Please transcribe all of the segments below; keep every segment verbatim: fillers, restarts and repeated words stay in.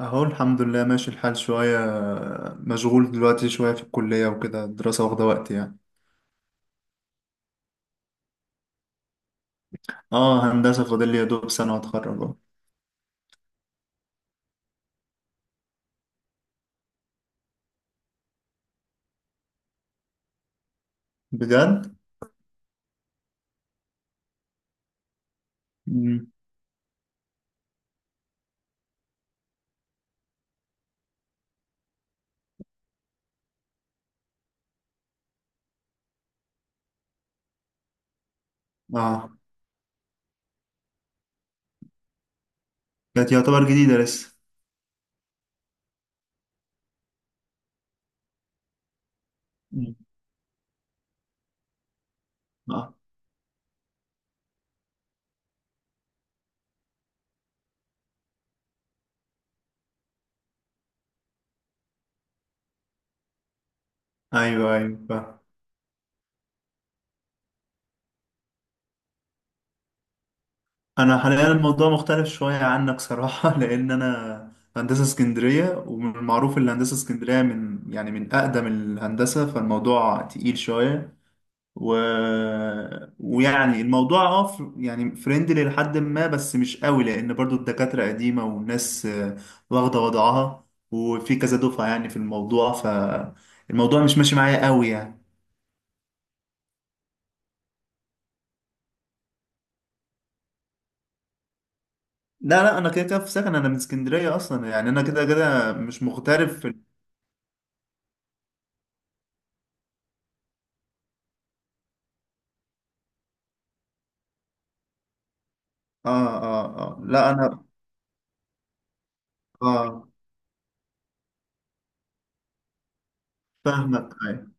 اهو الحمد لله ماشي الحال شوية. مشغول دلوقتي شوية في الكلية وكده، الدراسة واخدة وقت يعني. اه، هندسة، فاضل لي يا دوب سنة واتخرج اهو. بجد؟ مم. اه، كانت يعتبر جديدة لسه. مم. اه، ايوه ايوه فاهم. انا حاليا الموضوع مختلف شوية عنك صراحة لان انا هندسة اسكندرية، ومن المعروف ان هندسة اسكندرية من يعني من اقدم الهندسة، فالموضوع تقيل شوية. و... ويعني الموضوع اه ف- يعني فريندلي لحد ما، بس مش قوي، لان برضو الدكاترة قديمة والناس آه، واخدة وضعها، وفي كذا دفعة يعني في الموضوع، فالموضوع مش ماشي معايا قوي يعني. لا لا، انا كده كده في سكن، انا من اسكندرية اصلا، يعني انا كده كده مش مغترب في ال- اه اه اه، لا انا. اه، فاهمك، ايوه.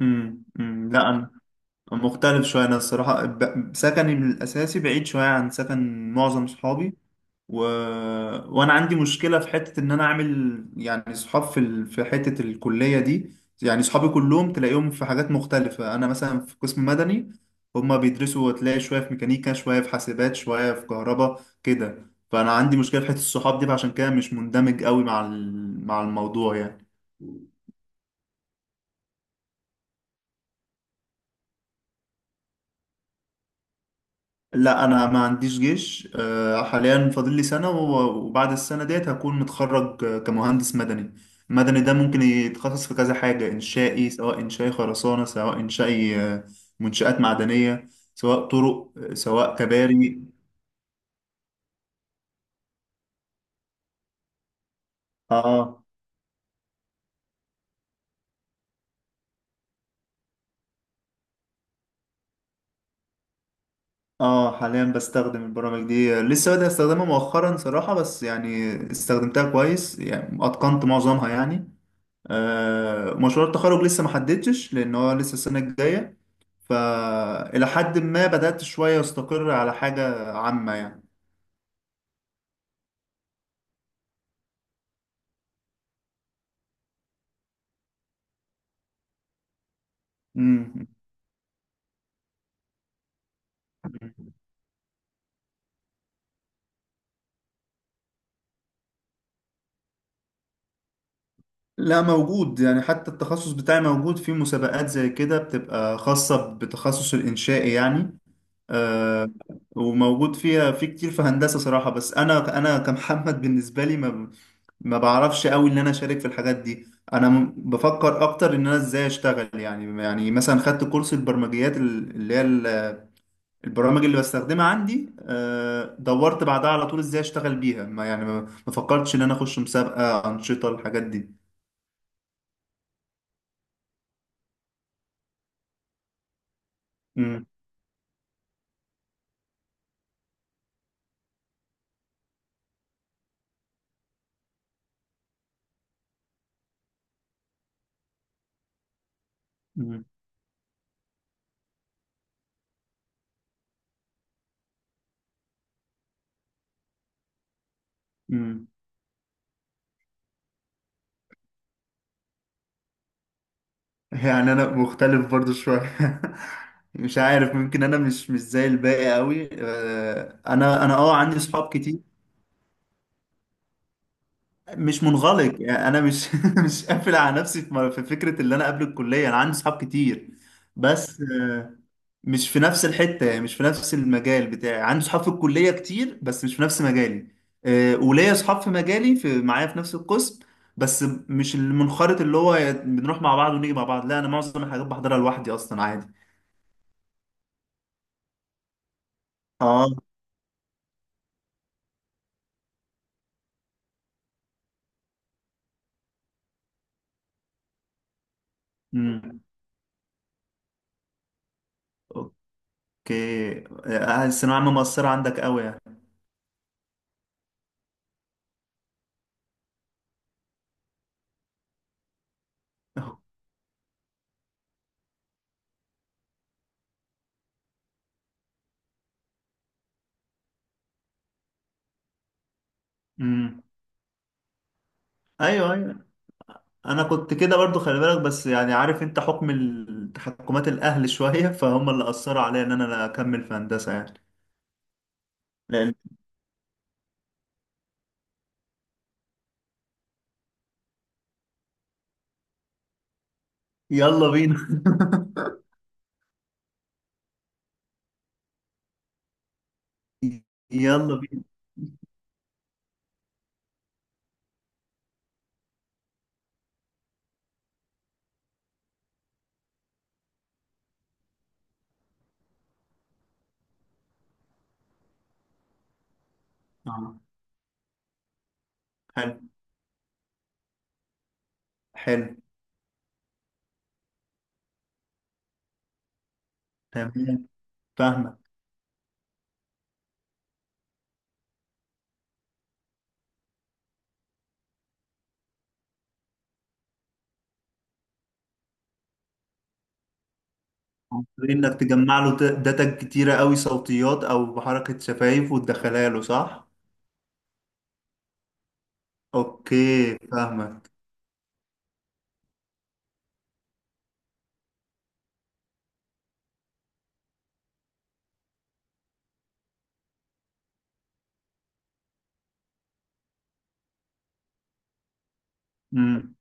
امم أمم، لا، انا مختلف شوية، انا الصراحة ب- سكني من الاساسي بعيد شوية عن سكن معظم صحابي. و... وانا عندي مشكله في حته ان انا اعمل يعني صحاب في ال... في حته الكليه دي، يعني صحابي كلهم تلاقيهم في حاجات مختلفه، انا مثلا في قسم مدني، هما بيدرسوا، تلاقي شويه في ميكانيكا شويه في حاسبات شويه في كهرباء كده، فانا عندي مشكله في حته الصحاب دي، فعشان كده مش مندمج قوي مع ال... مع الموضوع يعني. لا، انا ما عنديش جيش آه، حاليا، فاضل لي سنه و- وبعد السنه ديت هكون متخرج آه، كمهندس مدني. المدني ده ممكن يتخصص في كذا حاجه، انشائي سواء انشائي خرسانه، سواء انشائي آه، منشآت معدنيه، سواء طرق آه، سواء كباري. اه اه، حاليا بستخدم البرامج دي، آه، لسه بادئ استخدمها مؤخرا صراحه، بس يعني استخدمتها كويس، يعني اتقنت معظمها يعني. آه، مشروع التخرج لسه ما حددتش، لان هو لسه السنه الجايه، فالى حد ما بدات شويه استقر على حاجه عامه يعني. مم. لا، موجود، يعني حتى التخصص بتاعي موجود في مسابقات زي كده، بتبقى خاصه بتخصص الانشائي يعني. آه، وموجود فيها في كتير في هندسة صراحة، بس أنا أنا كمحمد بالنسبة لي ما ما بعرفش قوي إن أنا أشارك في الحاجات دي. أنا م- بفكر أكتر إن أنا إزاي أشتغل، يعني يعني مثلا خدت كورس البرمجيات ال- اللي هي ال- البرامج اللي بستخدمها عندي، آه، دورت بعدها على طول إزاي أشتغل بيها، ما يعني ما ما فكرتش إن أنا أخش مسابقة أنشطة الحاجات دي. مم. مم. مم. يعني انا مختلف برضو شويه مش عارف، ممكن انا مش مش زي الباقي قوي، آه، انا انا اه عندي صحاب كتير. مش منغلق، يعني انا مش مش قافل على نفسي في م- في فكره، اللي انا قبل الكليه انا عندي صحاب كتير. بس آه، مش في نفس الحته، يعني مش في نفس المجال بتاعي، عندي صحاب في الكليه كتير بس مش في نفس مجالي. آه، وليا صحاب في مجالي، في معايا في نفس القسم، بس مش المنخرط اللي هو بنروح مع بعض ونيجي مع بعض، لا، انا معظم الحاجات بحضرها لوحدي اصلا عادي. اه. امم اوكي، آه، الثانوية العامة مؤثرة عندك قوي يعني؟ امم ايوه، ايوه، انا كنت كده برضو، خلي بالك، بس يعني عارف انت حكم التحكمات الاهل شوية، فهم اللي اثروا عليا ان انا لا اكمل في هندسة يعني. لان. يلا بينا يلا بينا. آه، حلو. حلو. تمام، فاهمك. عن طريق انك تجمع له د- داتا كتيرة قوي، صوتيات او بحركة شفايف وتدخلها له، صح؟ اوكي، فاهمك. امم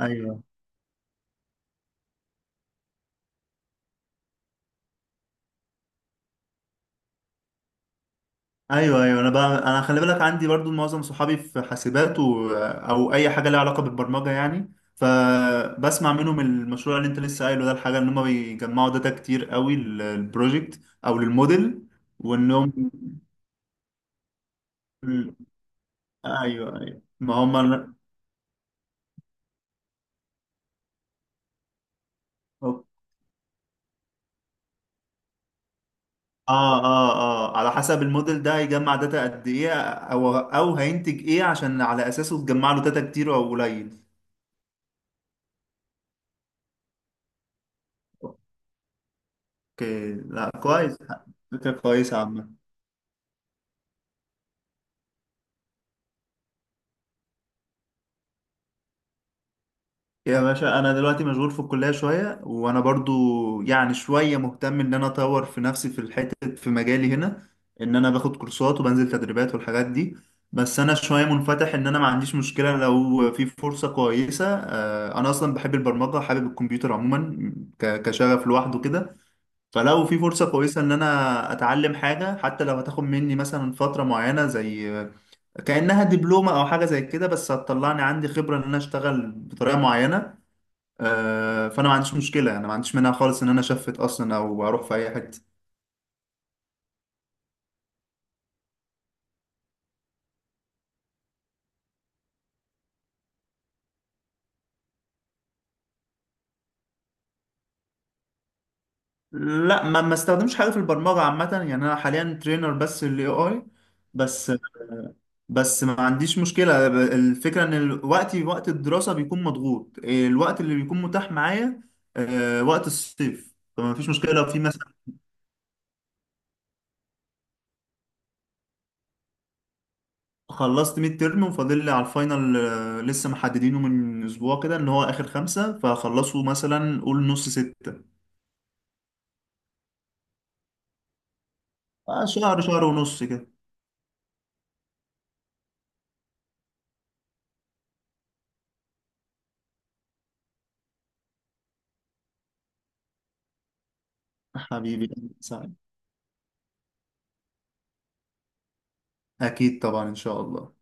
ايوه، ايوه، ايوه، انا بقى، انا خلي بالك عندي برضو معظم صحابي في حاسبات و... آه، او اي حاجه ليها علاقه بالبرمجه، يعني فبسمع منهم، المشروع اللي انت لسه قايله ده، الحاجه ان هم بيجمعوا داتا كتير قوي للبروجكت او للموديل. وانهم ايوه ايوه، ما هم، اه. اه اه، على حسب الموديل ده هيجمع داتا قد ايه، او او هينتج ايه عشان على اساسه تجمع له داتا كتير او قليل. اوكي، لا، كويس. فكره كويسه عامه. يا باشا انا دلوقتي مشغول في الكليه شويه، وانا برضو يعني شويه مهتم ان انا اطور في نفسي في الحته في مجالي هنا، ان انا باخد كورسات وبنزل تدريبات والحاجات دي. بس انا شويه منفتح، ان انا ما عنديش مشكله لو في فرصه كويسه. آه، انا اصلا بحب البرمجه، حابب الكمبيوتر عموما، ك- كشغف لوحده كده. فلو في فرصه كويسه ان انا اتعلم حاجه، حتى لو هتاخد مني مثلا فتره معينه، زي كانها دبلومه او حاجه زي كده، بس هتطلعني عندي خبره ان انا اشتغل بطريقه معينه. آه، فانا ما عنديش مشكله، انا ما عنديش منها خالص ان انا شفت اصلا او اروح في اي حته. لا، ما ما استخدمش حاجه في البرمجه عامه، يعني انا حاليا ترينر بس للاي اي. بس، بس ما عنديش مشكله. الفكره ان ال- وقتي، وقت الدراسه بيكون مضغوط، الوقت اللي بيكون متاح معايا آه، وقت الصيف، فما فيش مشكله لو في مثلا. خلصت ميد ترم، وفاضل لي على الفاينل، آه، لسه محددينه من اسبوع كده، ان هو اخر خمسة، فخلصوا مثلا قول نص ستة. آه، شهر، شهر ونص كده. حبيبي أهلا وسهلا. أكيد طبعا، إن شاء الله.